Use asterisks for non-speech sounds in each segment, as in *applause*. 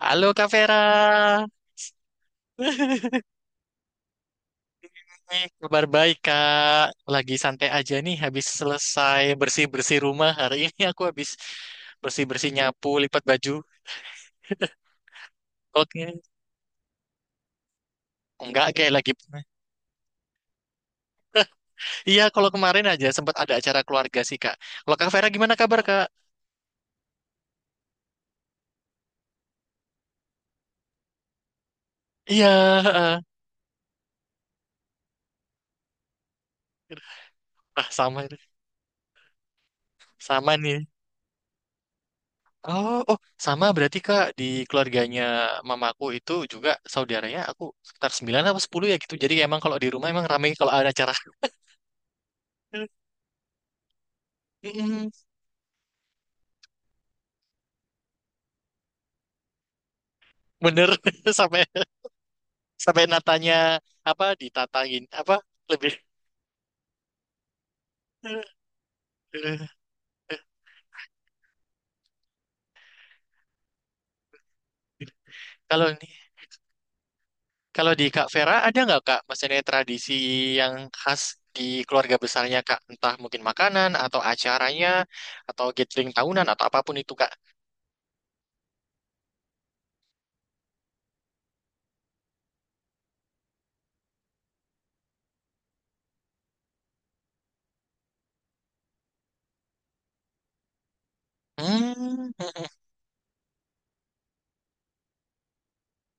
Halo Kak Vera. *laughs* Nih, kabar baik Kak. Lagi santai aja nih habis selesai bersih-bersih rumah. Hari ini *laughs* aku habis bersih-bersih nyapu, lipat baju. Oke. Enggak kayak lagi. Iya, kalau kemarin aja sempat ada acara keluarga sih Kak. Kalau Kak Vera gimana kabar Kak? Iya, heeh. Ah, sama sama nih. Oh, oh, sama berarti Kak di keluarganya mamaku itu juga saudaranya aku sekitar 9 apa 10 ya gitu. Jadi emang kalau di rumah emang ramai kalau ada acara. *laughs* Bener. *laughs* sampai sampai natanya, apa ditatangin apa lebih. *laughs* Kalau ini, kalau di Kak Vera ada nggak Kak maksudnya tradisi yang khas di keluarga besarnya Kak, entah mungkin makanan atau acaranya atau gathering tahunan atau apapun itu Kak? Hmm.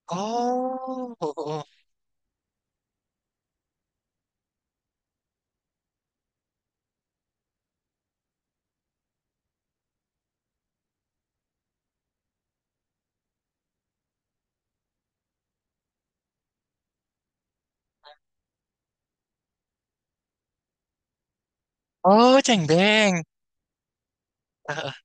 Oh. Oh, cengbeng. Eh,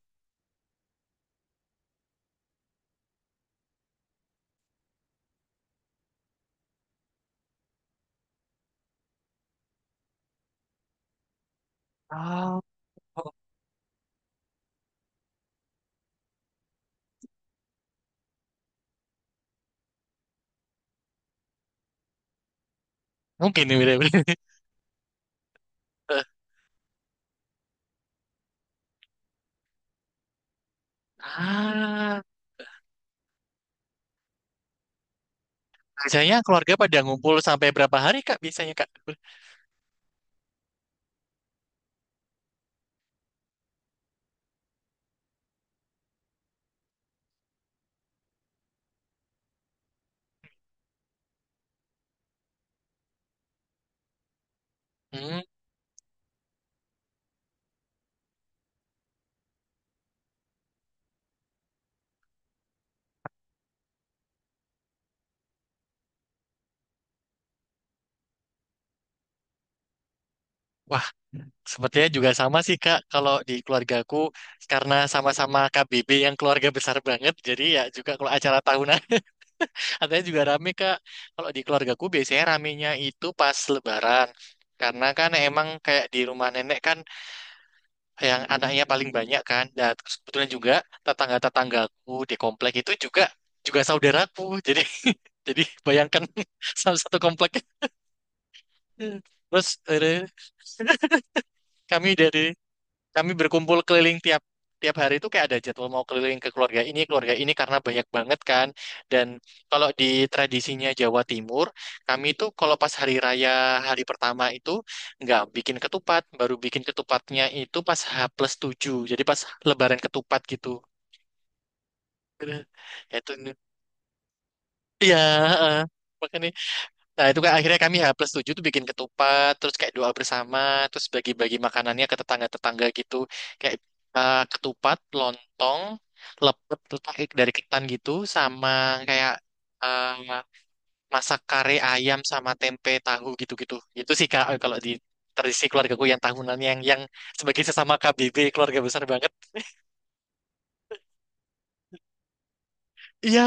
oh, mungkin ini bener-bener. Eh, *laughs* ah, biasanya keluarga pada ngumpul sampai berapa hari Kak biasanya Kak? Hmm. Wah, sepertinya juga sama sih Kak, kalau di keluargaku karena sama-sama KBB yang keluarga besar banget, jadi ya juga kalau acara tahunan *laughs* katanya juga rame Kak. Kalau di keluargaku biasanya ramenya itu pas Lebaran. Karena kan emang kayak di rumah nenek kan yang anaknya paling banyak kan. Dan terus kebetulan juga tetangga-tetanggaku di komplek itu juga juga saudaraku. Jadi *laughs* jadi bayangkan, *laughs* sama satu komplek. Terus kami dari. Kami berkumpul keliling tiap tiap hari itu kayak ada jadwal mau keliling ke keluarga ini karena banyak banget kan. Dan kalau di tradisinya Jawa Timur, kami itu kalau pas hari raya hari pertama itu nggak bikin ketupat, baru bikin ketupatnya itu pas H plus tujuh. Jadi pas Lebaran ketupat gitu. Gitu. Ya itu. Iya, heeh. Makanya, nah, itu kan akhirnya kami H plus 7 tuh bikin ketupat, terus kayak doa bersama, terus bagi-bagi makanannya ke tetangga-tetangga gitu. Kayak ketupat, lontong, lepet kayak dari ketan gitu, sama kayak eh, masak kare ayam sama tempe tahu gitu-gitu. Itu sih Kak, kalau di tradisi keluargaku yang tahunan, yang sebagai sesama KBB keluarga besar banget. Iya.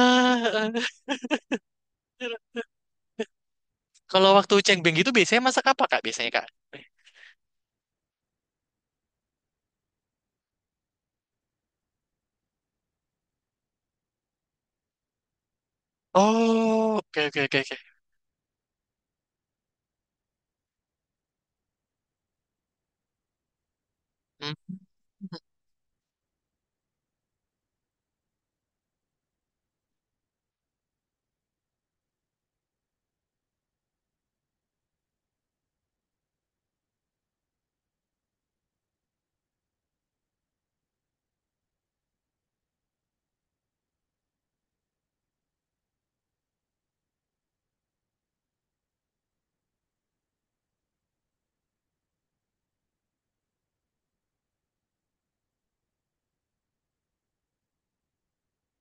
*laughs* Kalau waktu cengbeng gitu biasanya masak apa Kak biasanya Kak? Oh, oke, oke, oke, oke.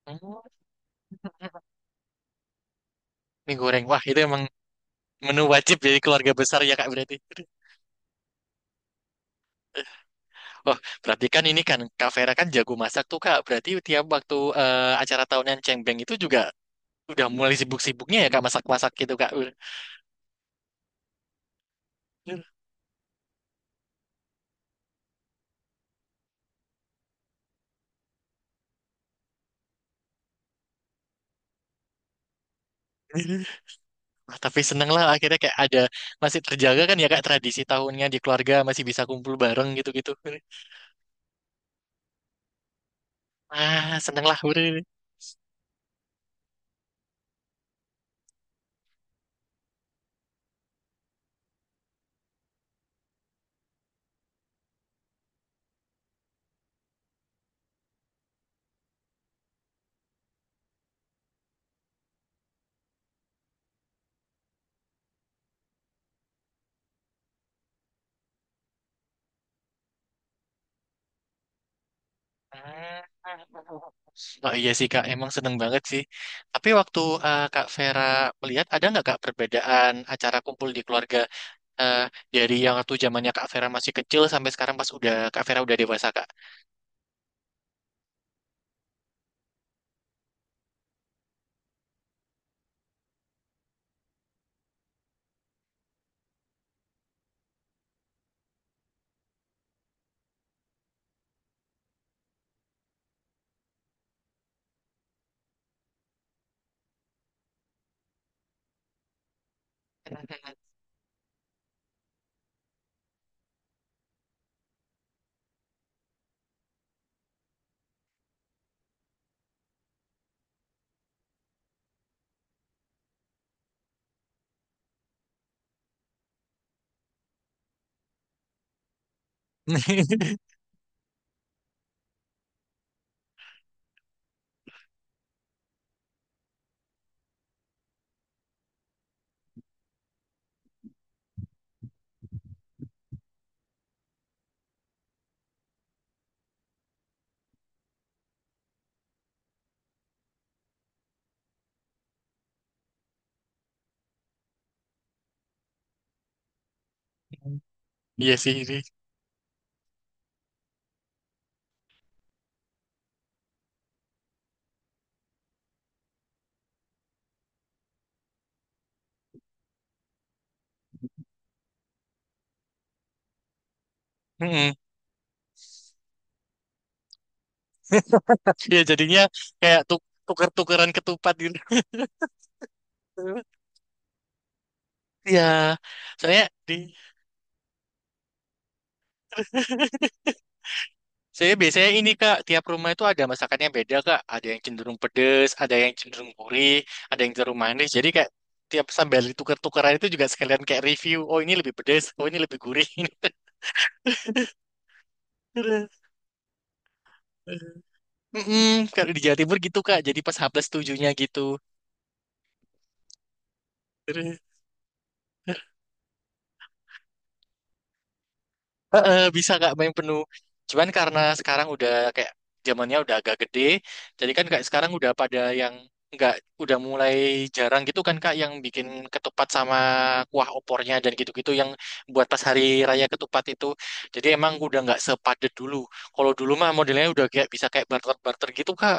Hmm. Mie goreng. Wah, itu emang menu wajib jadi keluarga besar ya, Kak, berarti. *laughs* Wah, berarti kan ini kan Kak Vera kan jago masak tuh, Kak. Berarti tiap waktu acara tahunan Cengbeng itu juga udah mulai sibuk-sibuknya ya, Kak, masak-masak gitu, Kak. *laughs* Wah, tapi seneng lah akhirnya kayak ada masih terjaga kan ya, Kak, tradisi tahunnya di keluarga masih bisa kumpul bareng gitu-gitu. *laughs* Ah, seneng lah. Ah. Oh iya sih Kak, emang seneng banget sih. Tapi waktu Kak Vera melihat ada nggak Kak perbedaan acara kumpul di keluarga, eh, dari yang waktu zamannya Kak Vera masih kecil sampai sekarang pas udah Kak Vera udah dewasa Kak? *laughs* Iya sih ini. Mm-mm. Iya jadinya kayak tuker-tukeran ketupat gitu. *laughs* Iya, soalnya di *laughs* saya biasanya ini Kak, tiap rumah itu ada masakannya beda Kak. Ada yang cenderung pedes, ada yang cenderung gurih, ada yang cenderung manis. Jadi kayak tiap sambil ditukar-tukaran itu juga sekalian kayak review. Oh ini lebih pedes, oh ini lebih gurih. *laughs* Terus, mm-mm, kalau di Jawa Timur gitu Kak. Jadi pas H plus tujuhnya gitu. Heeh, bisa nggak main penuh. Cuman karena sekarang udah kayak zamannya udah agak gede, jadi kan kayak sekarang udah pada yang nggak udah mulai jarang gitu kan kak yang bikin ketupat sama kuah opornya dan gitu-gitu yang buat pas hari raya ketupat itu. Jadi emang udah nggak sepadet dulu. Kalau dulu mah modelnya udah kayak bisa kayak barter-barter gitu kak.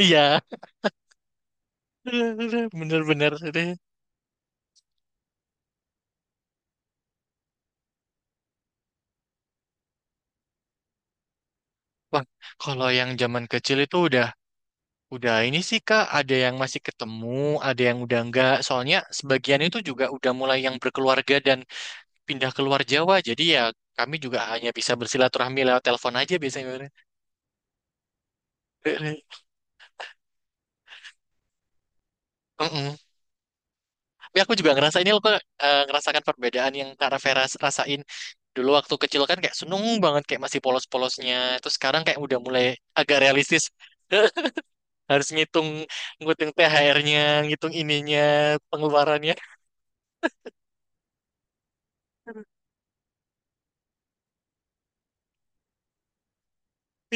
Iya, *laughs* bener-bener. Wah, kalau yang zaman kecil itu udah. Udah ini sih Kak, ada yang masih ketemu, ada yang udah enggak. Soalnya sebagian itu juga udah mulai yang berkeluarga dan pindah keluar Jawa. Jadi ya kami juga hanya bisa bersilaturahmi lewat telepon aja biasanya. *laughs* Mm-mm. Tapi aku juga ngerasa ini loh Kak, ngerasakan perbedaan yang Kak Rafera rasain. Dulu waktu kecil kan kayak seneng banget kayak masih polos-polosnya. Terus sekarang kayak udah mulai agak realistis. *laughs* Harus ngitung, ngitung THR-nya, ngitung ininya, pengeluarannya.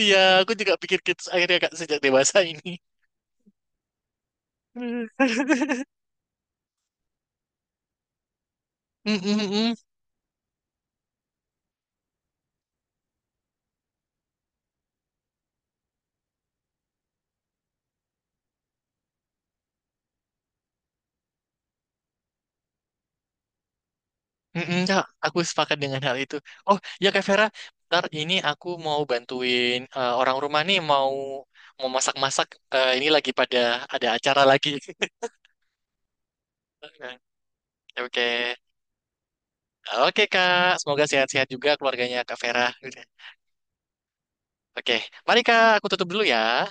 Iya, aku juga pikir gitu akhirnya Kak sejak dewasa ini. *laughs* Mm-mm-mm. Mm-mm, Kak, aku sepakat dengan hal itu. Oh, ya Kak Vera, ntar ini aku mau bantuin orang rumah nih mau mau masak-masak. Eh, ini lagi pada ada acara lagi. *laughs* Oke. Oke Kak, semoga sehat-sehat juga keluarganya Kak Vera. Oke, mari Kak, aku tutup dulu ya.